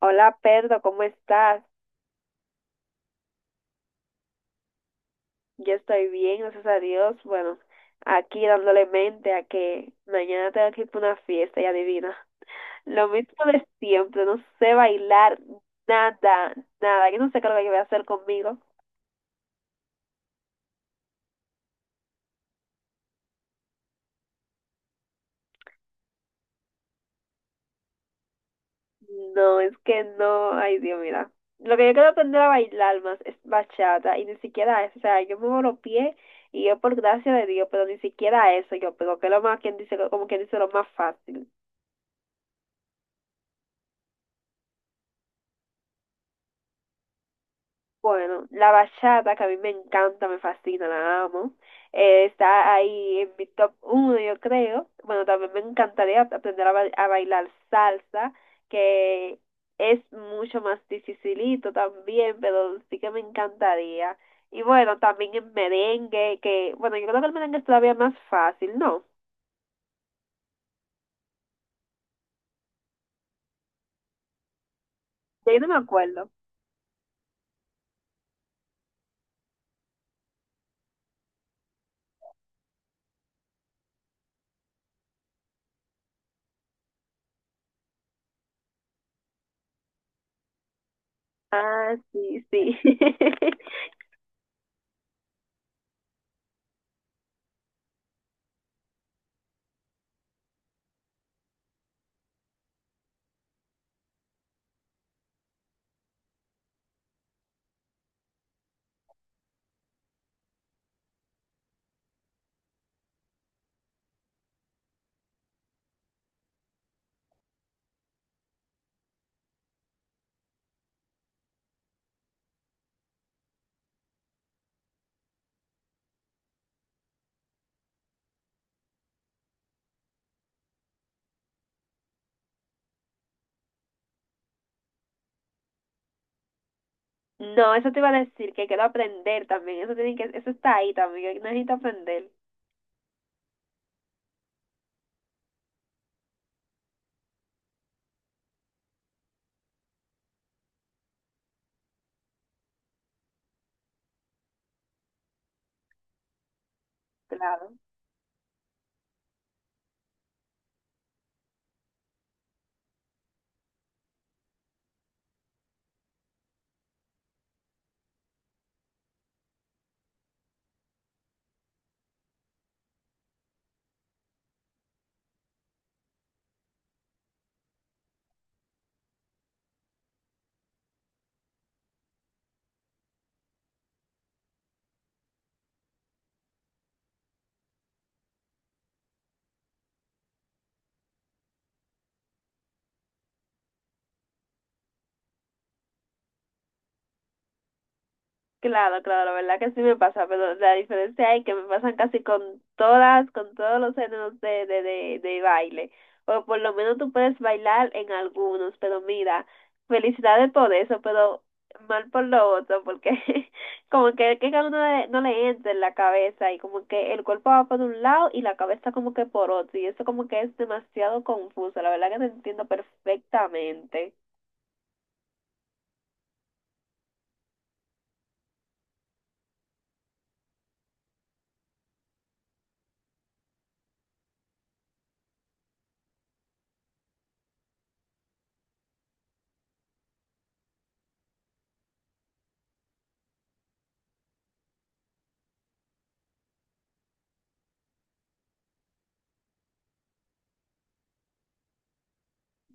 Hola Pedro, ¿cómo estás? Yo estoy bien, gracias a Dios. Bueno, aquí dándole mente a que mañana tengo que ir para una fiesta y adivina. Lo mismo de siempre, no sé bailar nada, nada. Yo no sé qué es lo que voy a hacer conmigo. No, es que no, ay Dios, mira. Lo que yo quiero aprender a bailar más es bachata y ni siquiera eso. O sea, yo muevo los pies y yo por gracia de Dios, pero ni siquiera eso yo, pero que es lo más, quien dice, como quien dice, lo más fácil. Bueno, la bachata, que a mí me encanta, me fascina, la amo. Está ahí en mi top uno, yo creo. Bueno, también me encantaría aprender a bailar salsa, que es mucho más dificilito también, pero sí que me encantaría. Y bueno, también en merengue, que, bueno, yo creo que el merengue es todavía más fácil, ¿no? Ya yo no me acuerdo. Ah, sí, sí. No, eso te iba a decir, que quiero aprender también. Eso tiene que, eso está ahí también, yo necesito aprender. Claro, claro, claro, la verdad que sí me pasa, pero la diferencia es que me pasan casi con todas, con todos los géneros de baile, o por lo menos tú puedes bailar en algunos, pero mira, felicidades por eso, pero mal por lo otro, porque como que a uno le- no le entra en la cabeza y como que el cuerpo va por un lado y la cabeza como que por otro, y eso como que es demasiado confuso, la verdad que te entiendo perfectamente.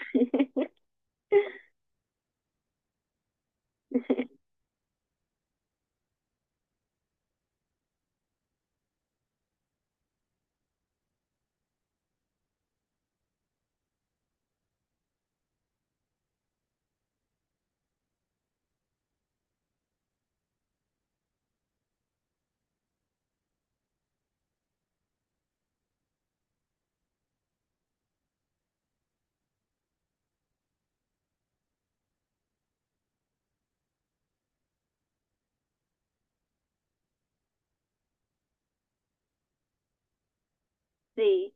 Sí.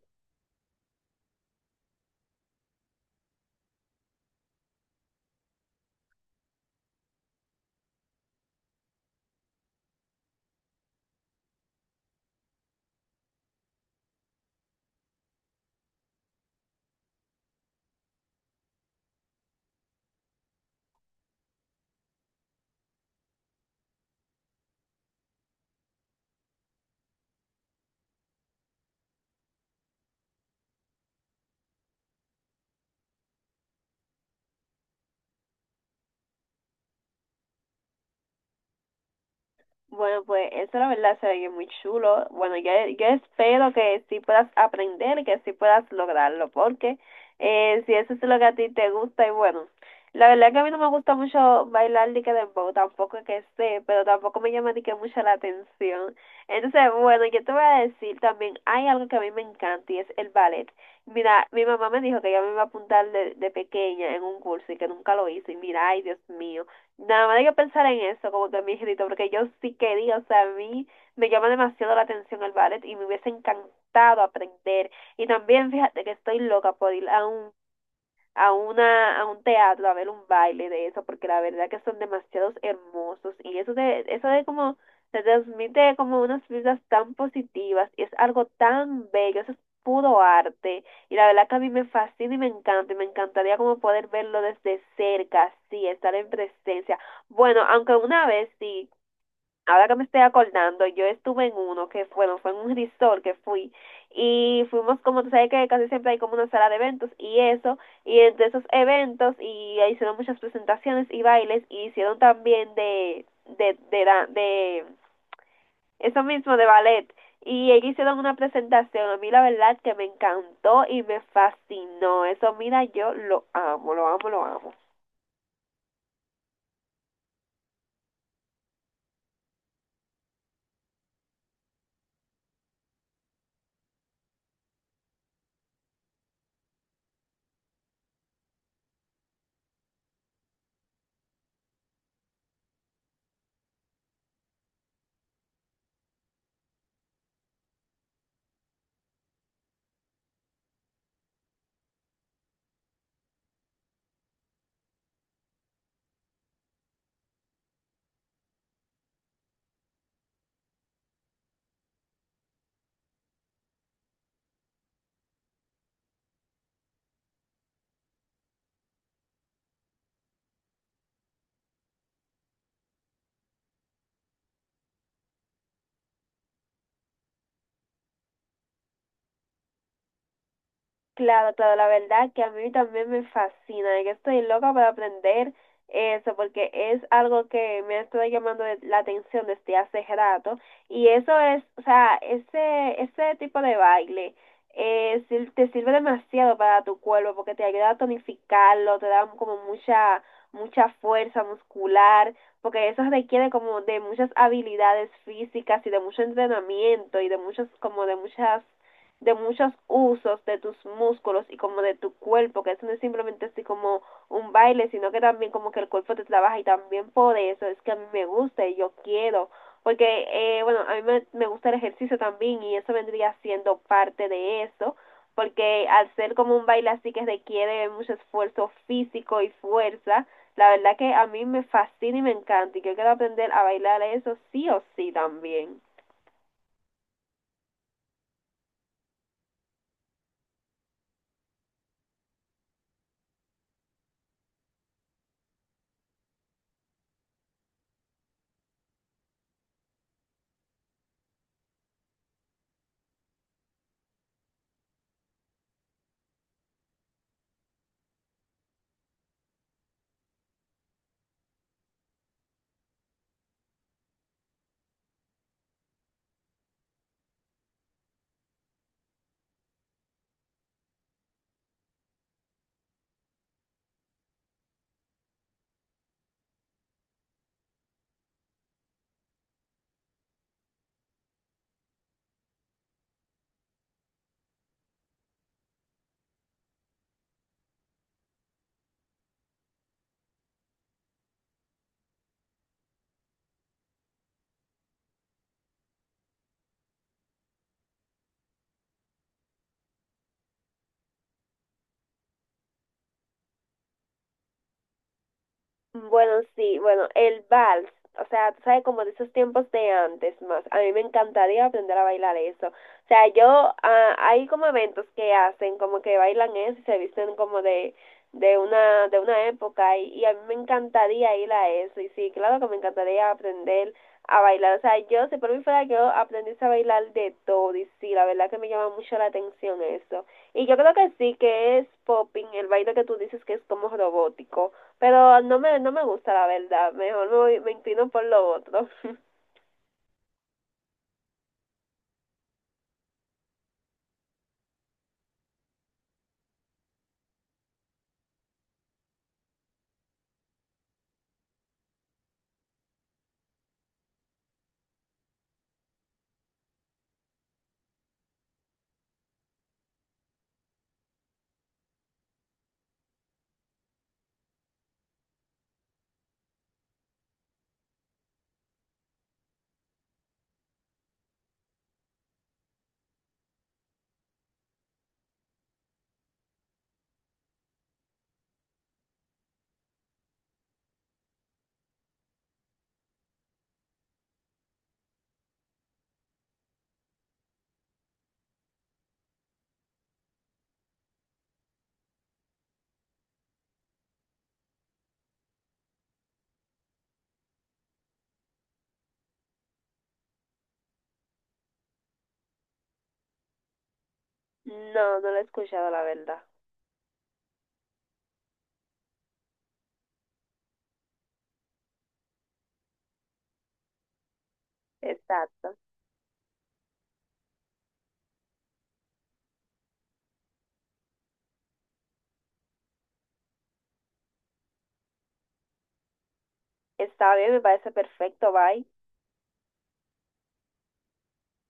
Bueno, pues eso la verdad se ve muy chulo. Yo espero que sí puedas aprender, que sí puedas lograrlo, porque si eso es lo que a ti te gusta, y bueno, la verdad que a mí no me gusta mucho bailar ni que dembow, tampoco que sé, pero tampoco me llama ni que mucho la atención. Entonces, bueno, yo te voy a decir también, hay algo que a mí me encanta y es el ballet. Mira, mi mamá me dijo que ella me iba a apuntar de pequeña en un curso y que nunca lo hizo, y mira, ay, Dios mío. Nada más hay que pensar en eso, como que mi grito, porque yo sí quería, o sea, a mí me llama demasiado la atención el ballet y me hubiese encantado aprender. Y también fíjate que estoy loca por ir a un a un teatro, a ver un baile de eso, porque la verdad que son demasiados hermosos y eso de como, se transmite como unas vibras tan positivas y es algo tan bello, eso es puro arte y la verdad que a mí me fascina y me encanta y me encantaría como poder verlo desde cerca, sí, estar en presencia. Bueno, aunque una vez sí ahora que me estoy acordando, yo estuve en uno que fue, bueno, fue en un resort que fui y fuimos como tú sabes que casi siempre hay como una sala de eventos y eso y entre esos eventos y ahí hicieron muchas presentaciones y bailes y hicieron también de eso mismo de ballet y ellos hicieron una presentación a mí la verdad que me encantó y me fascinó eso, mira, yo lo amo, lo amo, lo amo. Claro, claro, la verdad que a mí también me fascina, de que estoy loca para aprender eso, porque es algo que me ha estado llamando de- la atención desde hace rato, y eso es, o sea, ese tipo de baile te sirve demasiado para tu cuerpo, porque te ayuda a tonificarlo, te da como mucha, mucha fuerza muscular, porque eso requiere como de muchas habilidades físicas y de mucho entrenamiento y de muchos, como de muchas de muchos usos de tus músculos y como de tu cuerpo, que eso no es simplemente así como un baile, sino que también como que el cuerpo te trabaja y también por eso es que a mí me gusta y yo quiero, porque bueno, a mí me gusta el ejercicio también y eso vendría siendo parte de eso, porque al ser como un baile así que requiere mucho esfuerzo físico y fuerza, la verdad que a mí me fascina y me encanta y yo quiero aprender a bailar eso sí o sí también. Bueno, sí, bueno, el vals, o sea, tú sabes, como de esos tiempos de antes más, a mí me encantaría aprender a bailar eso. O sea, yo, hay como eventos que hacen, como que bailan eso y se visten como de, de una época y a mí me encantaría ir a eso y sí, claro que me encantaría aprender a bailar. O sea, yo, si por mí fuera, yo aprendiese a bailar de todo y sí, la verdad que me llama mucho la atención eso. Y yo creo que sí, que es popping, el baile que tú dices que es como robótico. Pero no me gusta la verdad, mejor me inclino por lo otro. No, no lo he escuchado la verdad. Exacto. Está bien, me parece perfecto, bye.